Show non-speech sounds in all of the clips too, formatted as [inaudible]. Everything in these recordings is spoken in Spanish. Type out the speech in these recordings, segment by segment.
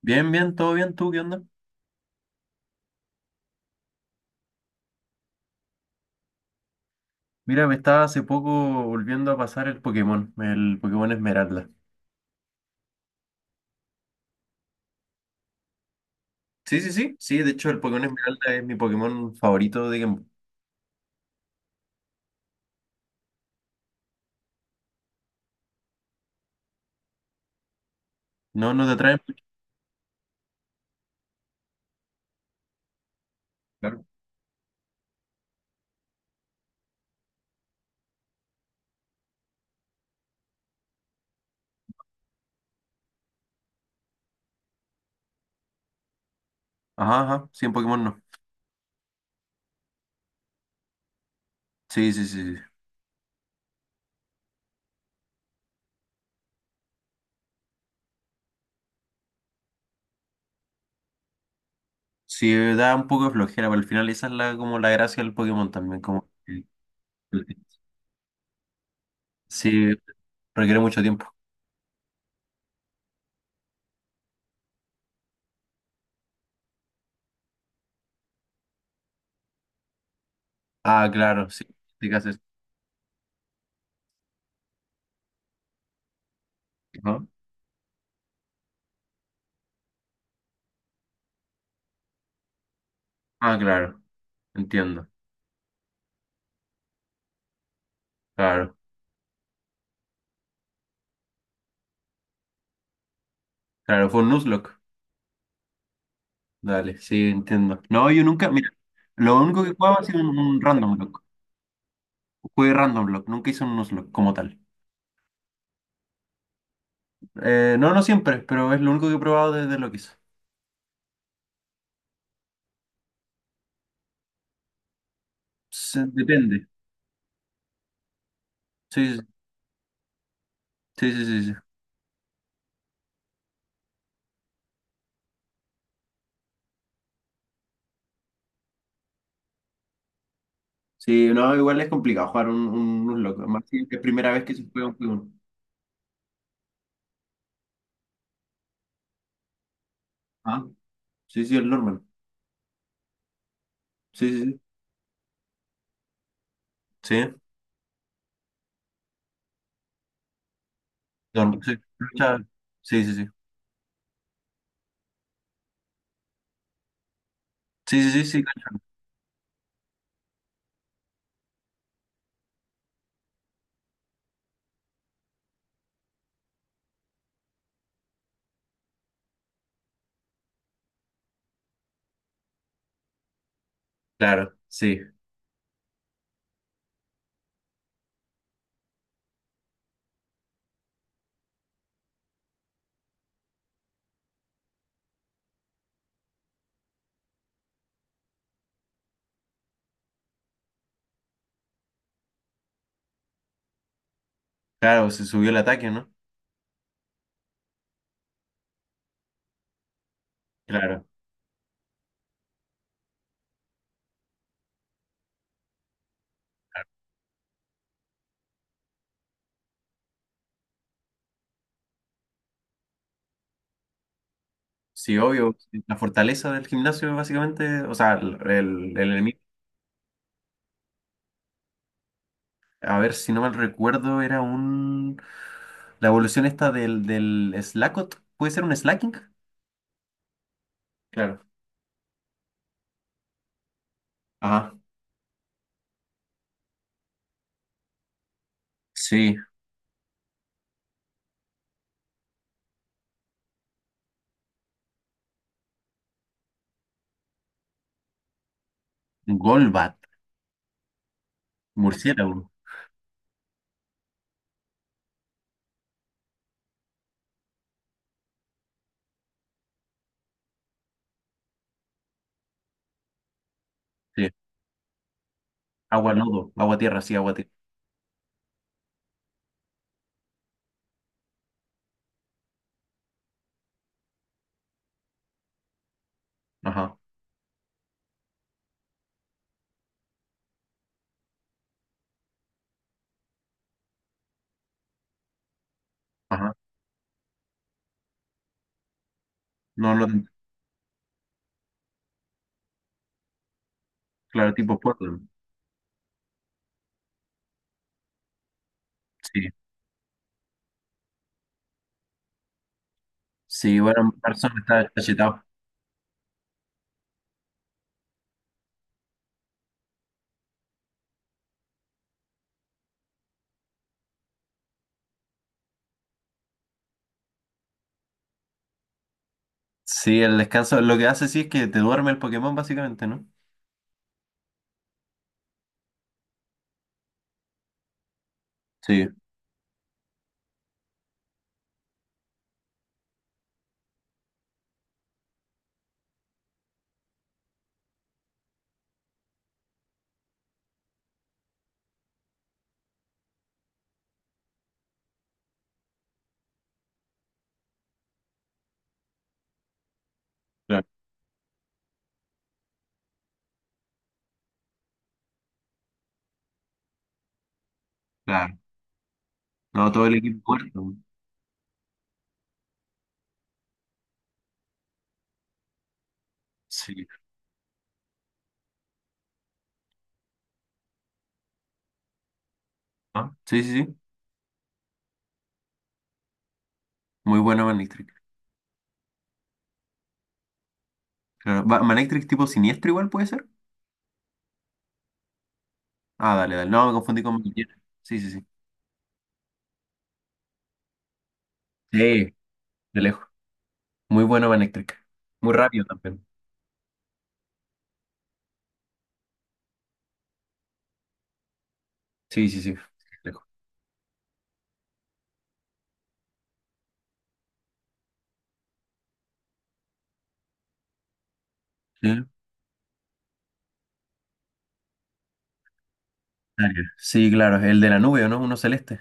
Bien, bien, todo bien, ¿tú qué onda? Mira, me estaba hace poco volviendo a pasar el Pokémon Esmeralda. Sí, sí, sí, sí, de hecho el Pokémon Esmeralda es mi Pokémon favorito de Game Boy. No, no te atrae mucho, claro. Ajá, ajá, sí, en Pokémon no. Sí, sí, sí, sí. Sí, da un poco de flojera, pero al final esa es la, como la gracia del Pokémon también, como que- sí, requiere mucho tiempo. Ah, claro, sí, te haces, ¿no? Ah, claro, entiendo, claro, claro, fue un Nuzlocke. Dale, sí, entiendo. No, yo nunca, mira, lo único que jugaba ha sido un random block. Jugué random block, nunca hice un block como tal. No, no siempre, pero es lo único que he probado desde lo que hice. Sí, depende. Sí, sí, sí, sí, sí. Sí, no, igual es complicado jugar un Nuzlocke, más si es primera vez que se juega un juego. Ah, sí, sí, el normal. Sí, sí, sí. Sí, normal, sí. Lucha- sí, sí, sí. Sí, sí, sí, sí, cacho. Claro, sí. Claro, se subió el ataque, ¿no? Claro. Sí, obvio. La fortaleza del gimnasio, básicamente, o sea, el enemigo, a ver, si no mal recuerdo, era un... la evolución esta del Slackot, ¿puede ser un Slacking? Claro. Ajá. Sí. Golbat, murciélago. Sí. Agua lodo, agua tierra, sí, agua tierra. Ajá, ajá. No, no, claro, tipo Portland. Sí. Sí, bueno, Carson está chetado. Sí, el descanso, lo que hace sí es que te duerme el Pokémon, básicamente, ¿no? Sí, claro. Claro. No, todo el equipo muerto. Sí. Ah, sí, sí, sí. Muy buena Manectric. Claro. Va- Manectric tipo siniestro igual puede ser. Ah, dale, dale. No, me confundí con Manectric. Sí, sí, sí. Sí, de lejos. Muy buena Manectric. Muy rápido también. Sí, sí, sí. De lejos. Sí, Aria. Sí, claro. El de la nube, ¿o no? Uno celeste.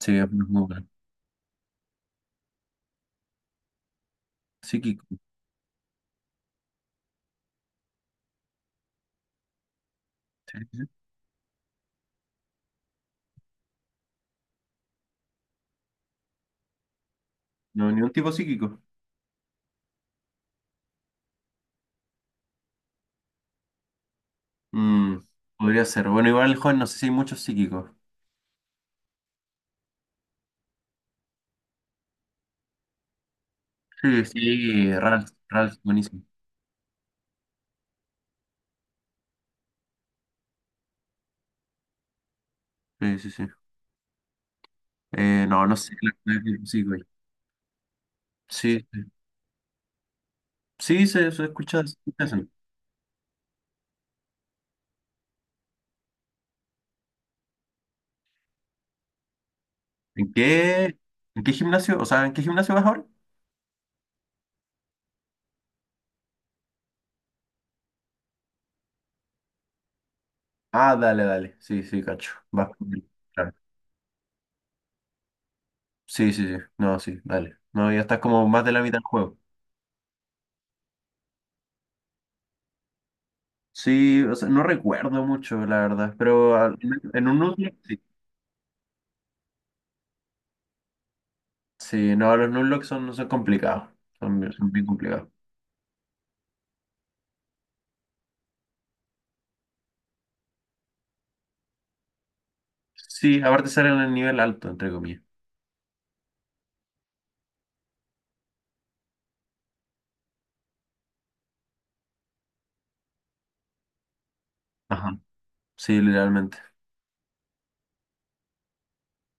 Sí, es muy bueno. Psíquico. Sí, sí. Sí. No, ni un tipo psíquico. Mm, podría ser. Bueno, igual el joven, no sé si hay muchos psíquicos. Sí, sí, Ralph, Ralph, buenísimo. Sí, sí, sí. No, no sé, la verdad, sí, güey. Sí, sí, se, se escucha eso. ¿En qué, en qué gimnasio? O sea, ¿en qué gimnasio vas ahora? Ah, dale, dale. Sí, sí, cacho. Vas por él, claro. Sí, sí, sí. No, sí, dale. No, ya estás como más de la mitad del juego. Sí, o sea, no recuerdo mucho, la verdad. Pero al- en un Nuzlocke, sí. Sí, no, los Nuzlocke son, no son complicados. Son, bien, son bien complicados. Sí, aparte salen en el nivel alto, entre comillas. Ajá. Sí, literalmente.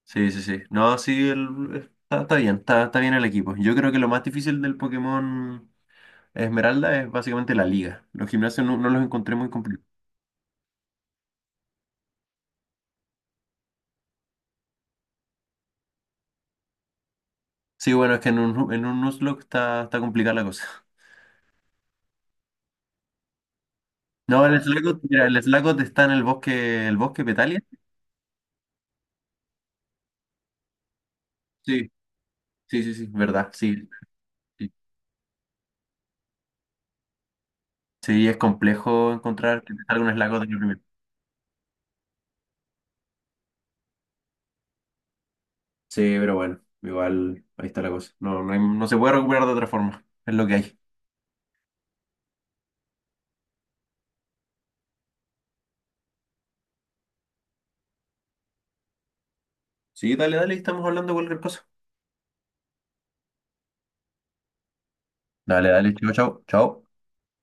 Sí, sí, sí. No, sí, el- está, está bien el equipo. Yo creo que lo más difícil del Pokémon Esmeralda es básicamente la liga. Los gimnasios no, no los encontré muy complicados. Sí, bueno, es que en un Nuzlocke está, está complicada la cosa. [laughs] No, el Slagot, mira, el Slagot está en el bosque Petalia. Sí, sí, sí, sí, verdad, sí. Sí, sí, es complejo encontrar que te salga un Slagot en el primero. Sí, pero bueno, igual ahí está la cosa. No, no, hay- no se puede recuperar de otra forma. Es lo que hay. Sí, dale, dale, estamos hablando de cualquier cosa. Dale, dale, chao, chao, chao.